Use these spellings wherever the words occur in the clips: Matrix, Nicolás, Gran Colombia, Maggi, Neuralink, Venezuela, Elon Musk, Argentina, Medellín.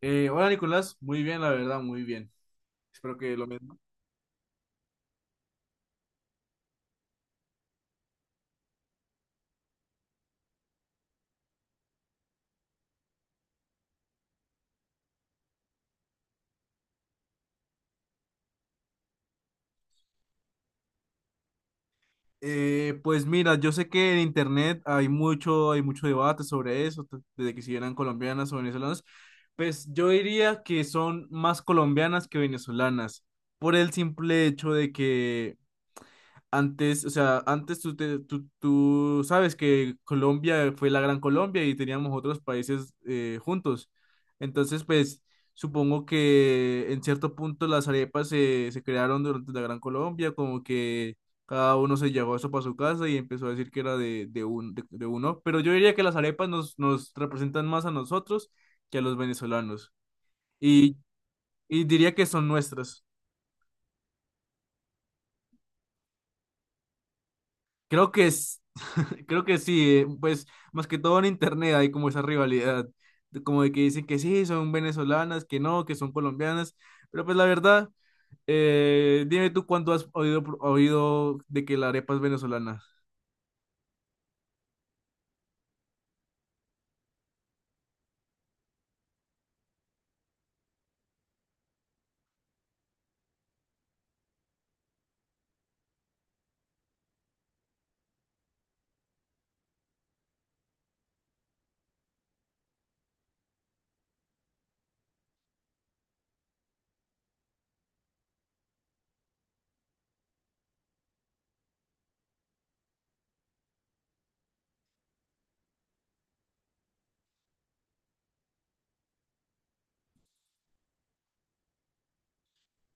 Hola Nicolás, muy bien, la verdad, muy bien. Espero que lo mismo. Pues mira, yo sé que en internet hay mucho debate sobre eso, desde que si eran colombianas o venezolanas. Pues yo diría que son más colombianas que venezolanas, por el simple hecho de que antes, o sea, antes tú sabes que Colombia fue la Gran Colombia y teníamos otros países juntos. Entonces, pues supongo que en cierto punto las arepas se crearon durante la Gran Colombia, como que cada uno se llevó eso para su casa y empezó a decir que era de uno. Pero yo diría que las arepas nos representan más a nosotros que a los venezolanos. Y, y diría que son nuestras. Creo que Creo que sí, pues más que todo en internet hay como esa rivalidad, como de que dicen que sí, son venezolanas, que no, que son colombianas, pero pues la verdad, dime tú cuándo has oído de que la arepa es venezolana.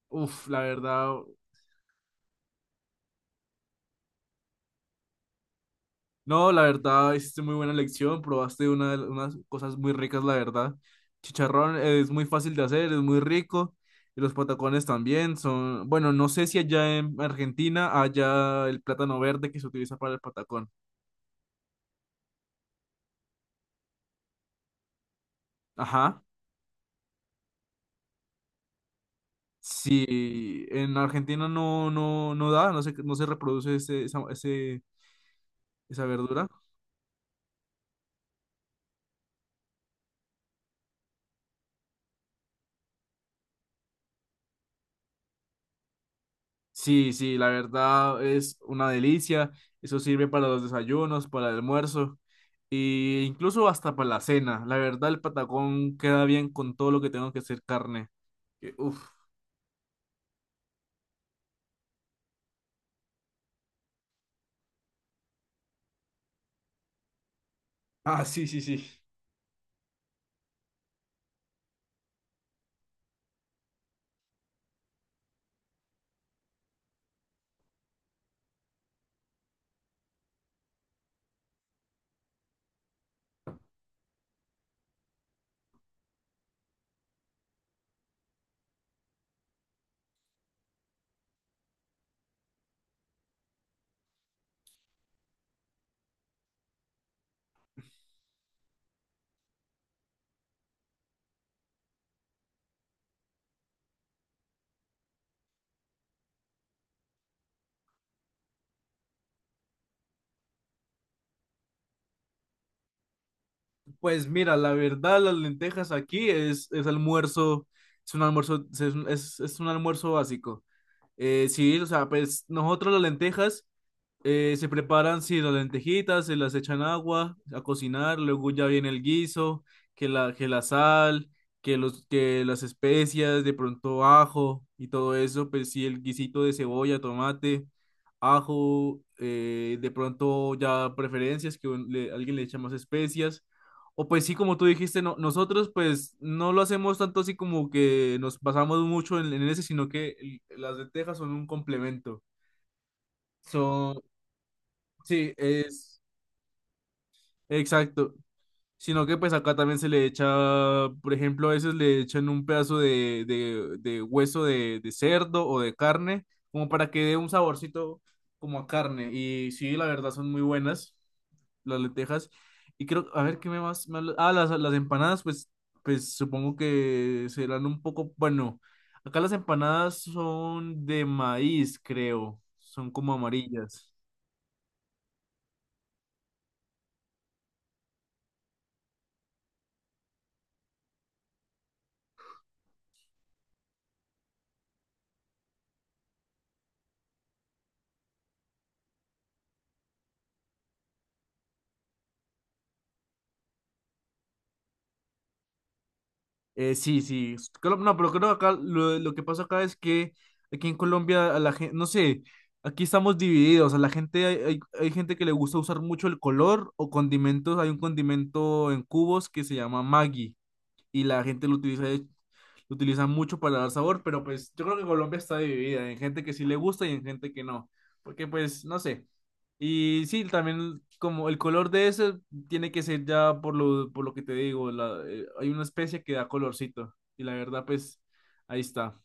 Uf, la verdad, no, la verdad, hiciste muy buena lección, probaste unas cosas muy ricas, la verdad. Chicharrón es muy fácil de hacer, es muy rico, y los patacones también son, bueno, no sé si allá en Argentina haya el plátano verde que se utiliza para el patacón. Ajá. Si en Argentina no, no da, no se reproduce esa verdura. Sí, sí, la verdad es una delicia. Eso sirve para los desayunos, para el almuerzo e incluso hasta para la cena. La verdad, el patacón queda bien con todo lo que tengo que hacer carne. Que, uf. Ah, sí, sí, sí. Pues mira, la verdad, las lentejas aquí es almuerzo, es un almuerzo, es un almuerzo básico. Sí, o sea, pues nosotros las lentejas. Se preparan, sí, las lentejitas, se las echan agua a cocinar, luego ya viene el guiso, que la sal, que las especias, de pronto ajo y todo eso, pues sí, el guisito de cebolla, tomate, ajo, de pronto ya preferencias, que alguien le echa más especias. O pues sí, como tú dijiste, no, nosotros pues no lo hacemos tanto así como que nos basamos mucho en ese, sino que las lentejas son un complemento. Sí, es exacto. Sino que pues acá también se le echa, por ejemplo, a veces le echan un pedazo de hueso de cerdo o de carne, como para que dé un saborcito como a carne. Y sí, la verdad son muy buenas las lentejas. Y creo, a ver, ¿qué me más? Ah, las empanadas, pues, pues supongo que serán un poco, bueno, acá las empanadas son de maíz, creo. Son como amarillas. Sí, sí. No, pero creo que acá lo que pasa acá es que aquí en Colombia a la gente, no sé, aquí estamos divididos. A la gente hay gente que le gusta usar mucho el color o condimentos. Hay un condimento en cubos que se llama Maggi y la gente lo utiliza mucho para dar sabor, pero pues yo creo que Colombia está dividida en gente que sí le gusta y en gente que no, porque pues no sé. Y sí, también como el color de ese tiene que ser ya por lo que te digo, hay una especie que da colorcito y la verdad pues ahí está.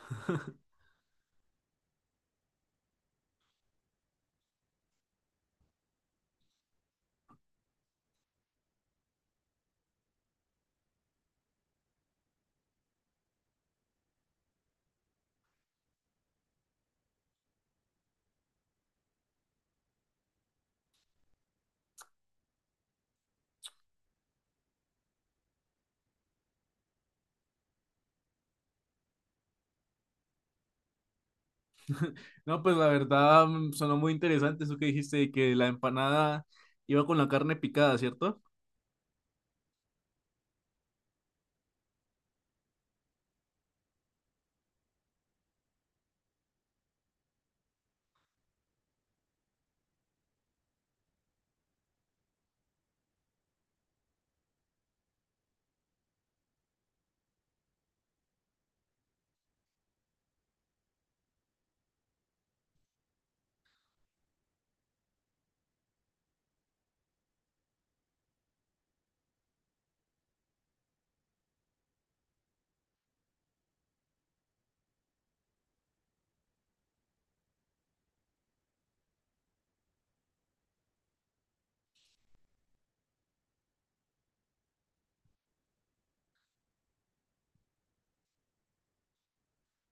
No, pues la verdad sonó muy interesante eso que dijiste de que la empanada iba con la carne picada, ¿cierto?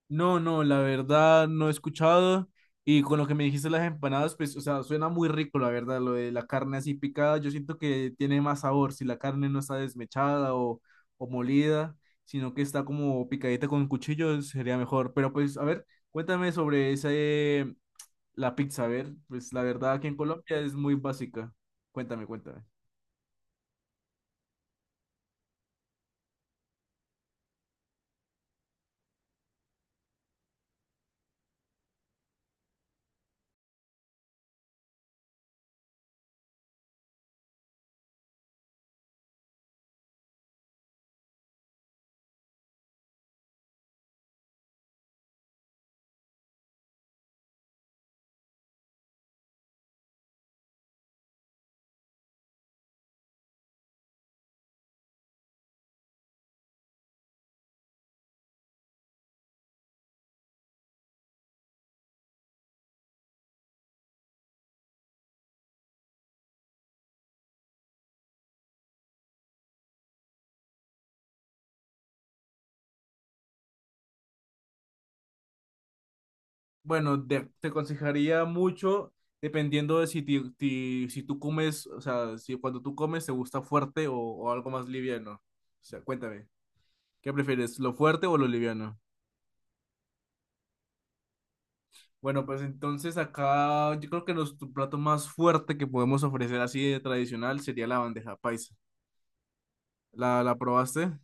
No, no, la verdad no he escuchado. Y con lo que me dijiste las empanadas, pues, o sea, suena muy rico, la verdad, lo de la carne así picada. Yo siento que tiene más sabor si la carne no está desmechada o molida, sino que está como picadita con cuchillo, sería mejor. Pero pues, a ver, cuéntame sobre ese, la pizza, a ver, pues la verdad aquí en Colombia es muy básica. Cuéntame, cuéntame. Bueno, te aconsejaría mucho dependiendo de si tú comes, o sea, si cuando tú comes te gusta fuerte o algo más liviano. O sea, cuéntame, ¿qué prefieres, lo fuerte o lo liviano? Bueno, pues entonces acá yo creo que nuestro plato más fuerte que podemos ofrecer así de tradicional sería la bandeja paisa. ¿La, la probaste?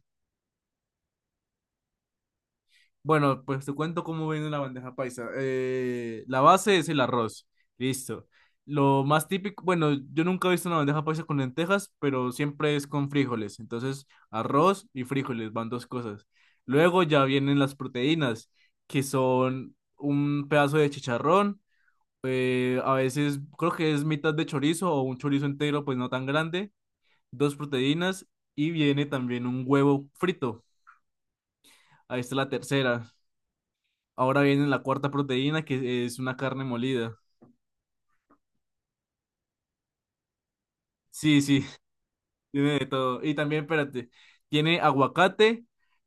Bueno, pues te cuento cómo viene una bandeja paisa. La base es el arroz. Listo. Lo más típico, bueno, yo nunca he visto una bandeja paisa con lentejas, pero siempre es con frijoles. Entonces, arroz y frijoles van dos cosas. Luego ya vienen las proteínas, que son un pedazo de chicharrón. Eh, a veces creo que es mitad de chorizo o un chorizo entero, pues no tan grande. Dos proteínas y viene también un huevo frito. Ahí está la tercera. Ahora viene la cuarta proteína, que es una carne molida. Sí, sí, tiene de todo. Y también, espérate, tiene aguacate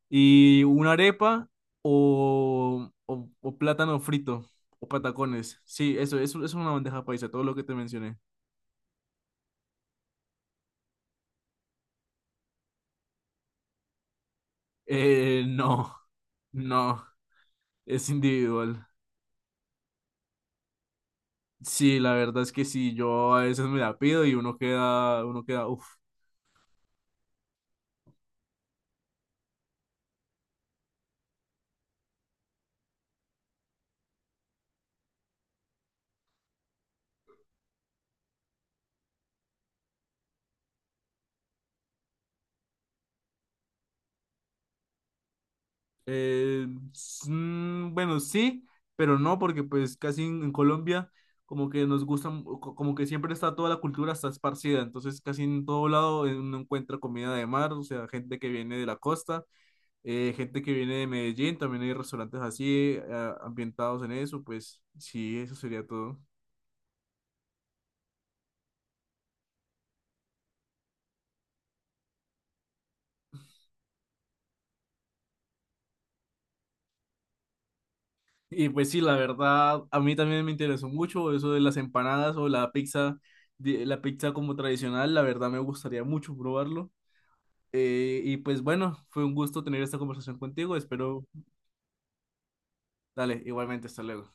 y una arepa o o plátano frito o patacones. Sí, eso es una bandeja paisa, todo lo que te mencioné. No, no, es individual. Sí, la verdad es que sí, yo a veces me la pido y uno queda, uff. Eh, bueno, sí, pero no, porque pues en Colombia como que nos gusta, como que siempre está toda la cultura está esparcida, entonces casi en todo lado uno encuentra comida de mar, o sea, gente que viene de la costa, gente que viene de Medellín, también hay restaurantes así ambientados en eso, pues sí, eso sería todo. Y pues sí, la verdad, a mí también me interesó mucho eso de las empanadas o la pizza, la pizza como tradicional, la verdad me gustaría mucho probarlo. Y pues bueno, fue un gusto tener esta conversación contigo. Espero, dale, igualmente, hasta luego.